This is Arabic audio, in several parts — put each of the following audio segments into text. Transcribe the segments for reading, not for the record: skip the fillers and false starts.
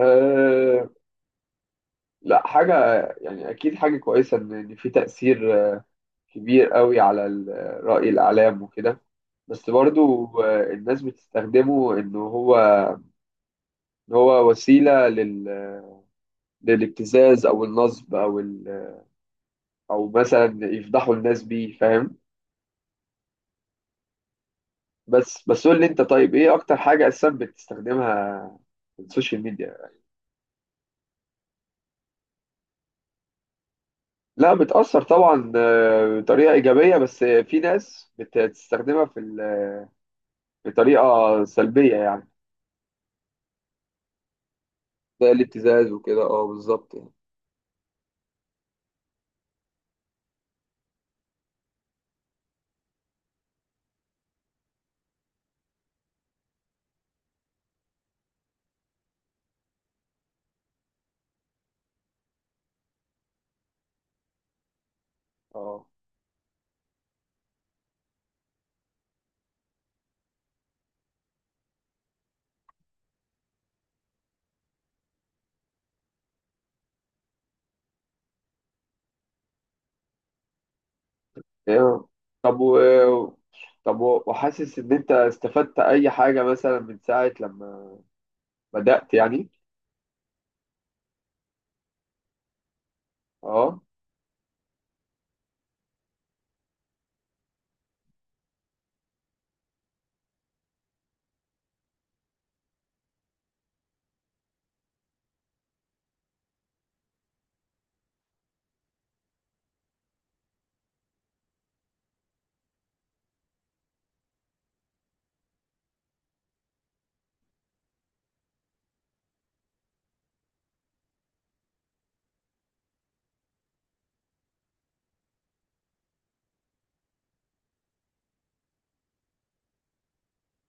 أه. لا، حاجة، يعني أكيد حاجة كويسة، إن في تأثير كبير قوي على رأي الإعلام وكده. بس برضو الناس بتستخدمه إن هو وسيلة للابتزاز أو النصب أو مثلا يفضحوا الناس بيه، فاهم. بس قول لي أنت، طيب إيه أكتر حاجة أساسا بتستخدمها في السوشيال ميديا؟ لا، بتأثر طبعا بطريقة إيجابية، بس في ناس بتستخدمها بطريقة سلبية يعني. ده الابتزاز وكده، اه، بالظبط يعني. اه، ايوه. طب و... وحاسس ان انت استفدت اي حاجه مثلا من ساعه لما بدات يعني. اه.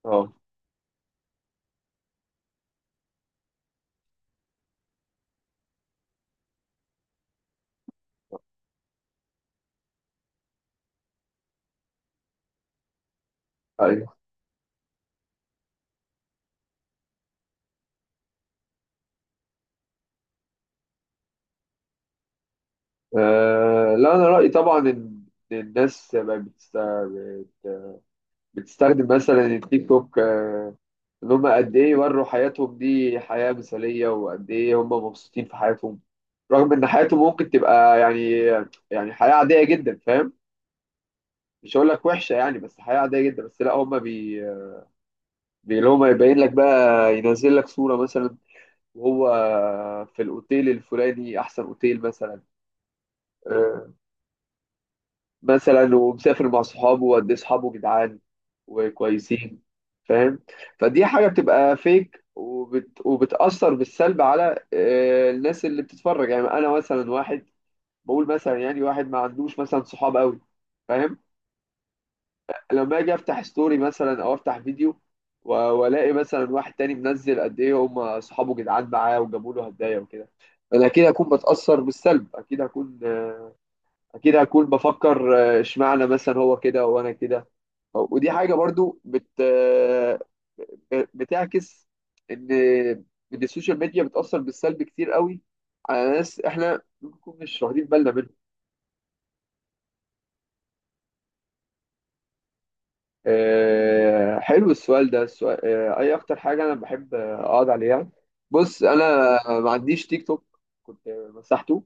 اه، ايوه. لا، انا رايي طبعا ان إن الناس بقت بتستخدم مثلا التيك توك، ان هم قد ايه يوروا حياتهم دي حياه مثاليه، وقد ايه هم مبسوطين في حياتهم، رغم ان حياتهم ممكن تبقى يعني، يعني حياه عاديه جدا، فاهم. مش هقول لك وحشه يعني، بس حياه عاديه جدا، بس لا، هم اللي هم يبين لك بقى، ينزل لك صوره مثلا وهو في الاوتيل الفلاني، احسن اوتيل مثلا. آه، مثلا، ومسافر مع صحابه، وقد ايه صحابه جدعان وكويسين، فاهم. فدي حاجه بتبقى فيك، وبتاثر بالسلب على الناس اللي بتتفرج. يعني انا مثلا واحد، بقول مثلا، يعني واحد ما عندوش مثلا صحاب قوي، فاهم. لما باجي افتح ستوري مثلا او افتح فيديو والاقي مثلا واحد تاني منزل قد ايه هم اصحابه جدعان معاه وجابوا له هدايا وكده، انا اكيد هكون بتاثر بالسلب. اكيد هكون، اكيد هكون بفكر اشمعنى مثلا هو كده وانا كده. ودي حاجه برضو بت آه، بتعكس ان ان السوشيال ميديا بتاثر بالسلب كتير قوي على ناس احنا ممكن نكون مش واخدين بالنا منهم. حلو السؤال ده، السؤال اي اكتر حاجه انا بحب اقعد عليها. بص، انا ما عنديش تيك توك، كنت مسحته.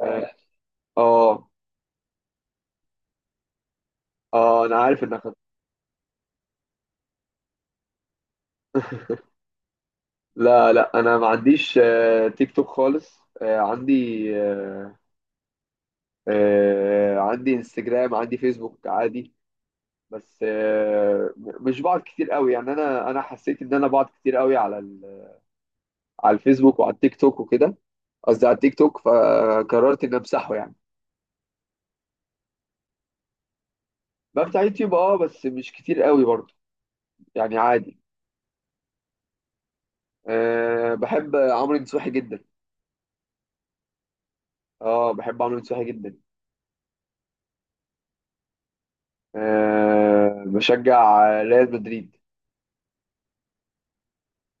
اه. اه. انا عارف انك لا، لا، انا ما عنديش تيك توك خالص. عندي آه، عندي انستجرام، عندي فيسبوك عادي. بس مش بقعد كتير قوي يعني. انا حسيت ان انا بقعد كتير قوي على على الفيسبوك وعلى التيك توك وكده، قصدي على التيك توك، فقررت ان امسحه يعني. بفتح يوتيوب اه، بس مش كتير قوي برضه، يعني عادي. أه، بحب عمرو نصوحي جدا. اه، بحب عمرو نصوحي جدا. أه، بشجع ريال مدريد.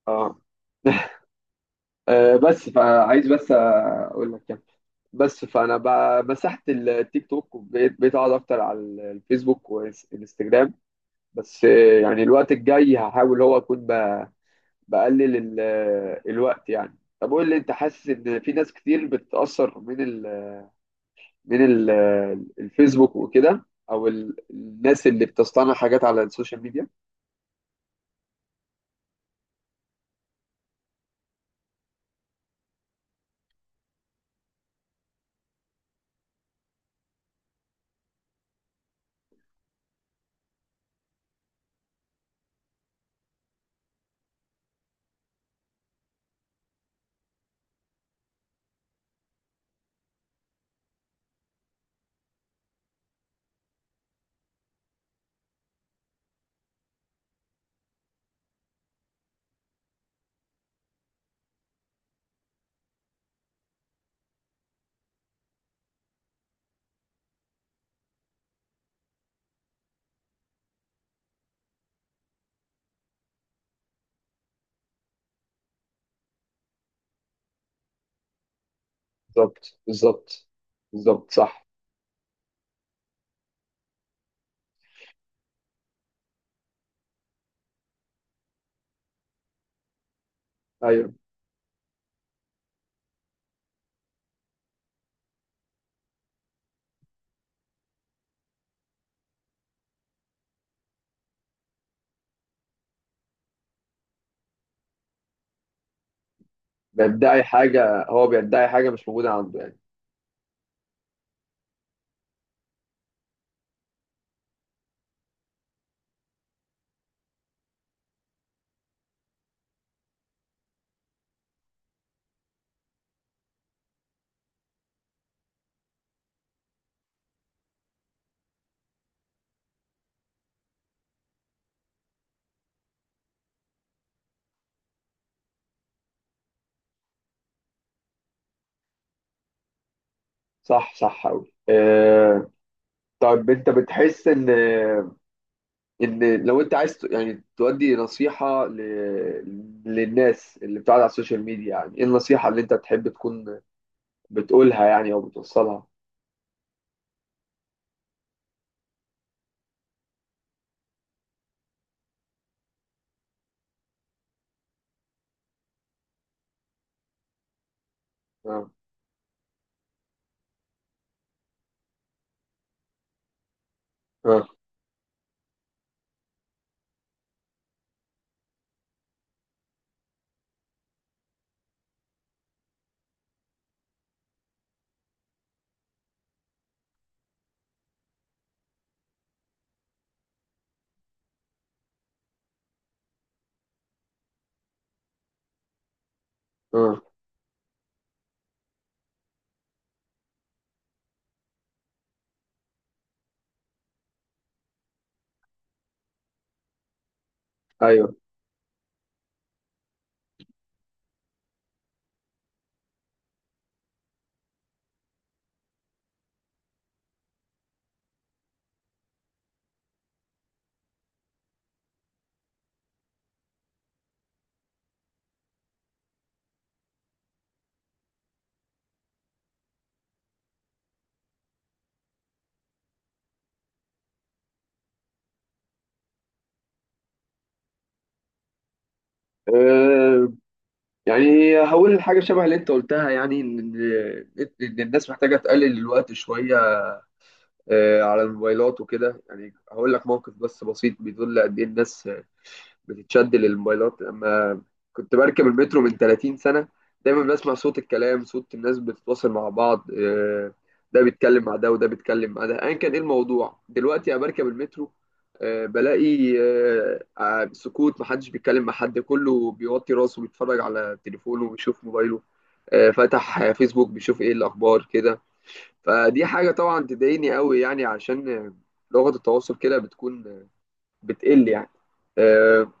اه. أه، بس فعايز بس اقول لك يعني، بس فانا مسحت التيك توك، وبقيت اقعد اكتر على الفيسبوك والانستجرام. بس يعني الوقت الجاي هحاول هو اكون بقلل الوقت يعني. طب قول لي انت، حاسس ان في ناس كتير بتتاثر من الفيسبوك وكده، او الناس اللي بتصطنع حاجات على السوشيال ميديا. بالظبط، بالظبط، بالظبط، صح. ايوه، بيدعي حاجه، هو بيدعي حاجه مش موجوده عنده يعني. صح، صح قوي، آه. طيب، انت بتحس ان لو انت عايز يعني تودي نصيحه للناس اللي بتقعد على السوشيال ميديا، يعني ايه النصيحه اللي انت تحب تكون بتقولها يعني او بتوصلها؟ اه، اه، اه، ايوه. آه، يعني هقول حاجة شبه اللي انت قلتها، يعني ان إن الناس محتاجة تقلل الوقت شوية على الموبايلات وكده. يعني هقول لك موقف بس بسيط بيدل قد ايه الناس بتتشد للموبايلات. لما كنت بركب المترو من 30 سنة، دايما بسمع صوت الكلام، صوت الناس بتتواصل مع بعض، ده بيتكلم مع ده وده بيتكلم مع ده، ايا كان ايه الموضوع. دلوقتي انا بركب المترو، بلاقي سكوت، محدش بيتكلم مع حد، كله بيوطي راسه بيتفرج على تليفونه وبيشوف موبايله، فتح فيسبوك بيشوف ايه الاخبار كده. فدي حاجة طبعا تضايقني قوي، يعني عشان لغة التواصل كده بتكون بتقل يعني آه،